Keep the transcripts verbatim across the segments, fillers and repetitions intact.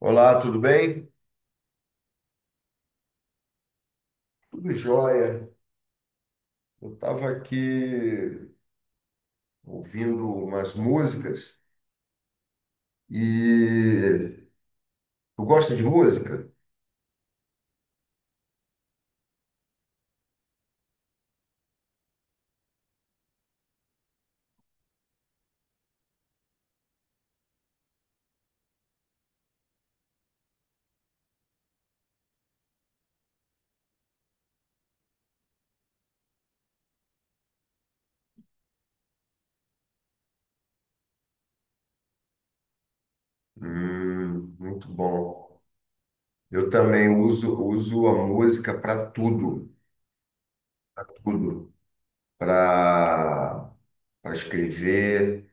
Olá, tudo bem? Tudo jóia. Eu estava aqui ouvindo umas músicas e tu gosta de música? Hum, muito bom. Eu também uso uso a música para tudo, para tudo, para para escrever,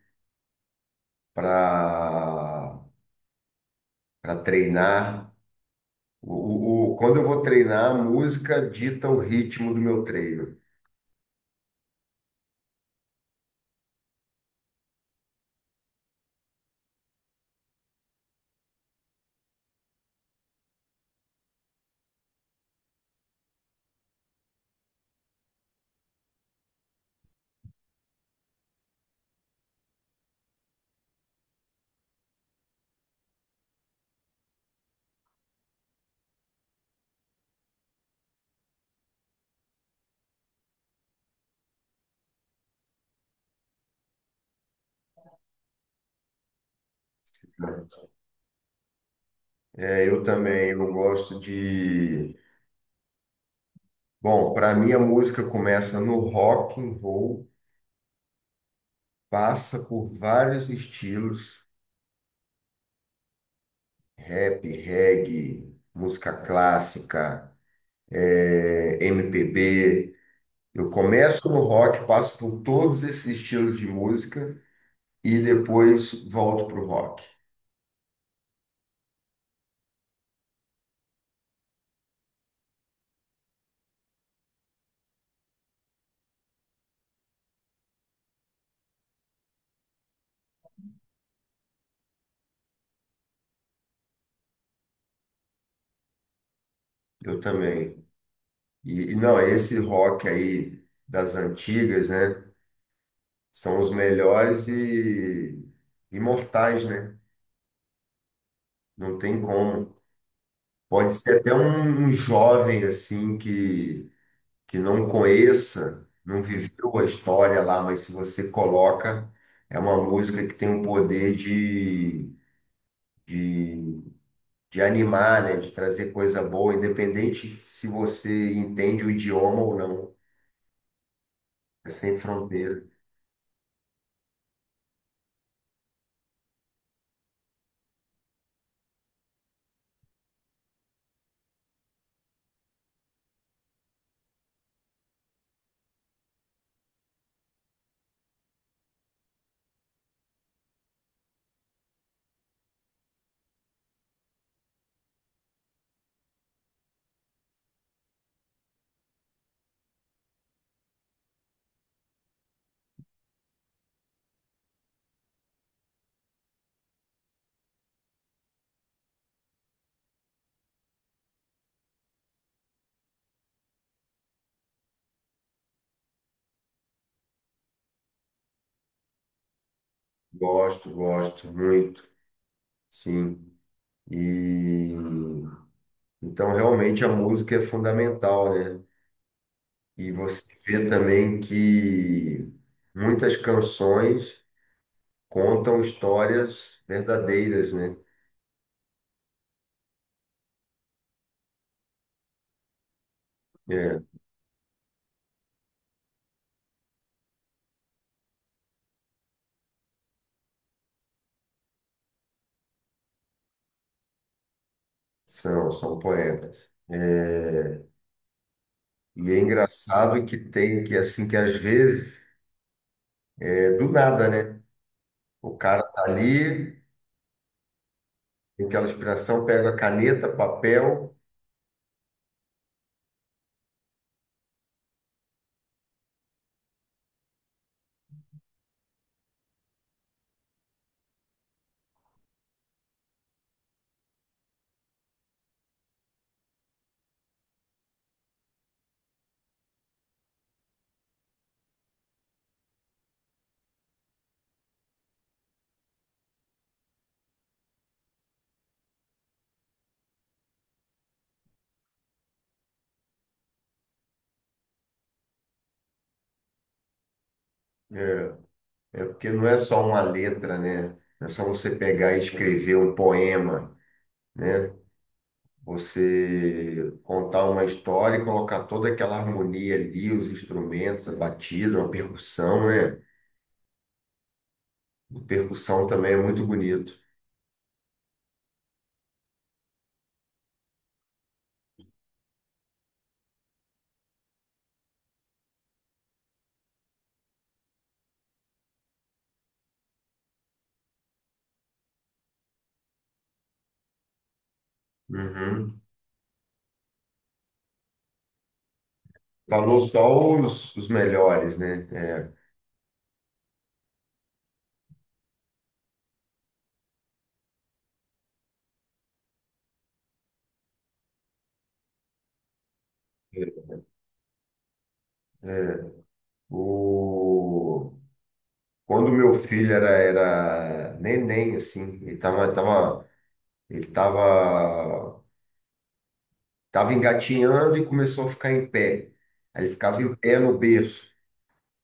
para para treinar. O, o- o- quando eu vou treinar, a música dita o ritmo do meu treino. Né? É, eu também eu gosto de Bom, para mim a música começa no rock and roll, passa por vários estilos, rap, reggae, música clássica, eh, M P B. Eu começo no rock, passo por todos esses estilos de música e depois volto pro rock. Eu também. E, e não, esse rock aí das antigas, né? São os melhores e imortais, né? Não tem como. Pode ser até um, um jovem assim que, que não conheça, não viveu a história lá, mas se você coloca, é uma música que tem um poder de, de, de animar, né? De trazer coisa boa, independente se você entende o idioma ou não. É sem fronteira. Gosto, gosto muito, sim. E então realmente a música é fundamental, né? E você vê também que muitas canções contam histórias verdadeiras, né? É, são, são poetas. É, e é engraçado que tem que assim que às vezes é do nada, né? O cara tá ali, tem aquela inspiração, pega a caneta, papel, é, é porque não é só uma letra, né? Não é só você pegar e escrever um poema, né? Você contar uma história e colocar toda aquela harmonia ali, os instrumentos, a batida, uma percussão, né? A percussão também é muito bonito. Uhum. Falou só os, os melhores, né? É. O... Quando meu filho era, era neném, assim, ele tava, tava, ele tava, tava engatinhando e começou a ficar em pé. Aí ele ficava em pé no berço.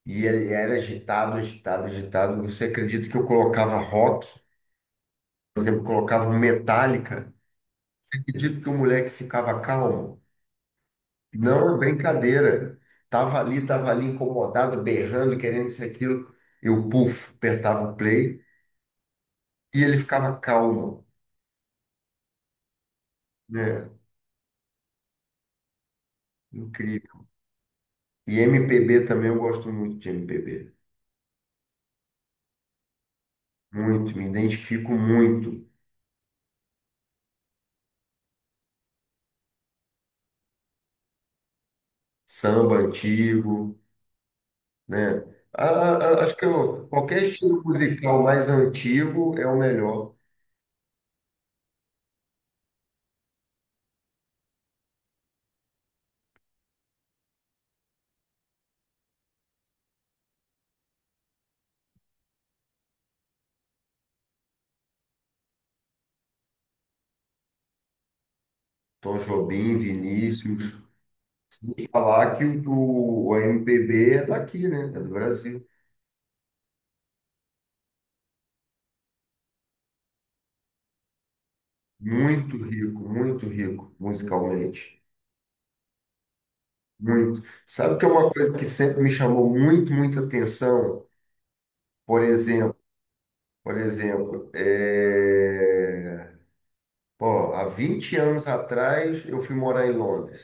E ele era agitado, agitado, agitado. Você acredita que eu colocava rock? Por exemplo, eu colocava um Metallica. Acredito que o moleque ficava calmo. Não é brincadeira. Tava ali, tava ali incomodado, berrando, querendo isso e aquilo. Eu, puf, apertava o play e ele ficava calmo, né? Incrível. E M P B também eu gosto muito de M P B. Muito, me identifico muito. Samba antigo. Né? A- a- acho que eu- Qualquer estilo musical mais antigo é o melhor. Tom Jobim, Vinícius. Falar que o, do, o M P B é daqui, né? É do Brasil. Muito rico, muito rico musicalmente. Muito. Sabe que é uma coisa que sempre me chamou muito, muita atenção? Por exemplo, por exemplo, é... Ó, há vinte anos atrás eu fui morar em Londres.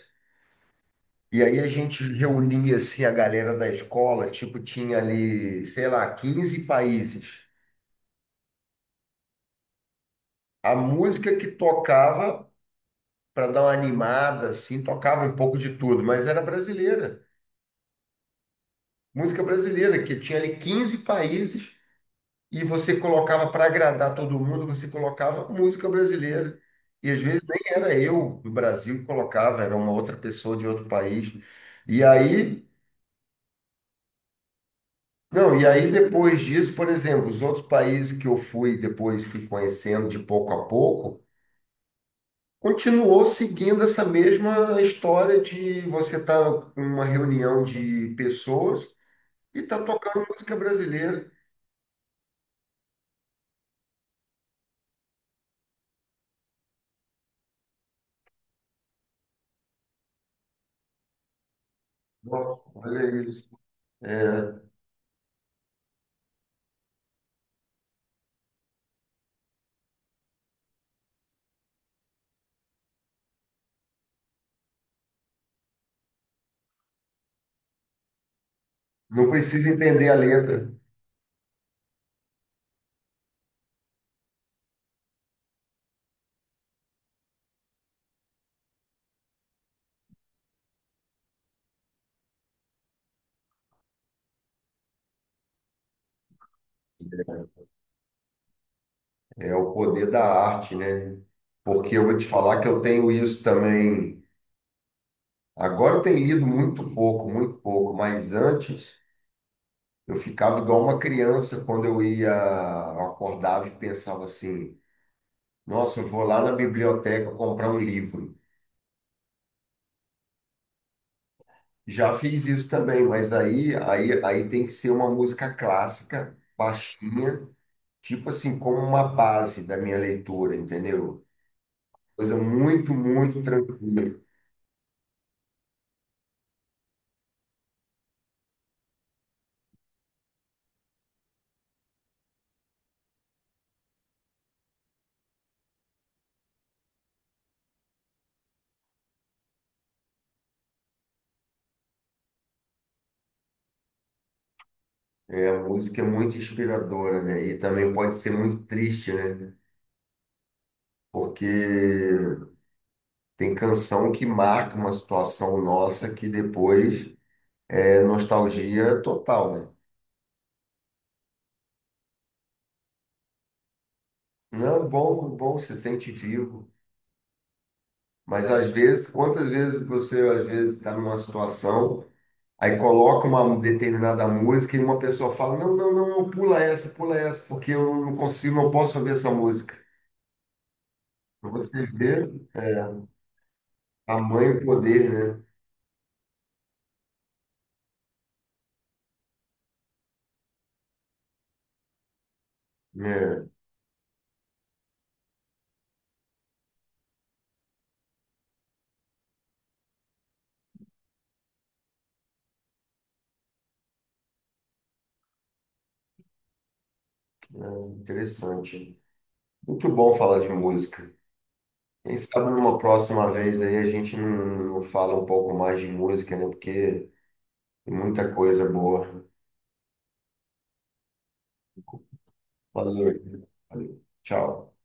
E aí a gente reunia assim a galera da escola, tipo, tinha ali, sei lá, quinze países. A música que tocava para dar uma animada assim, tocava um pouco de tudo, mas era brasileira. Música brasileira que tinha ali quinze países e você colocava para agradar todo mundo, você colocava música brasileira. E às vezes nem era eu do Brasil que colocava, era uma outra pessoa de outro país. E aí. Não, e aí depois disso, por exemplo, os outros países que eu fui, depois fui conhecendo de pouco a pouco, continuou seguindo essa mesma história de você estar tá numa reunião de pessoas e tá tocando música brasileira. Bom, olha isso. É. Não precisa entender a letra. É é o poder da arte, né? Porque eu vou te falar que eu tenho isso também. Agora eu tenho lido muito pouco, muito pouco, mas antes. Eu ficava igual uma criança quando eu ia, eu acordava e pensava assim: nossa, eu vou lá na biblioteca comprar um livro. Já fiz isso também, mas aí, aí, aí tem que ser uma música clássica, baixinha, tipo assim, como uma base da minha leitura, entendeu? Coisa muito, muito tranquila. é A música é muito inspiradora, né? E também pode ser muito triste, né? Porque tem canção que marca uma situação nossa que depois. É nostalgia total, né? Não, bom, bom, se sente vivo, mas às vezes, quantas vezes você às vezes está numa situação, aí coloca uma determinada música e uma pessoa fala, não, não, não, não, pula essa, pula essa, porque eu não consigo, não posso ouvir essa música. Pra Você vê tamanho poder, né? É, é interessante. Muito bom falar de música. Quem sabe numa próxima vez aí a gente não, não, fala um pouco mais de música, né? Porque tem muita coisa boa. Valeu. Valeu. Tchau.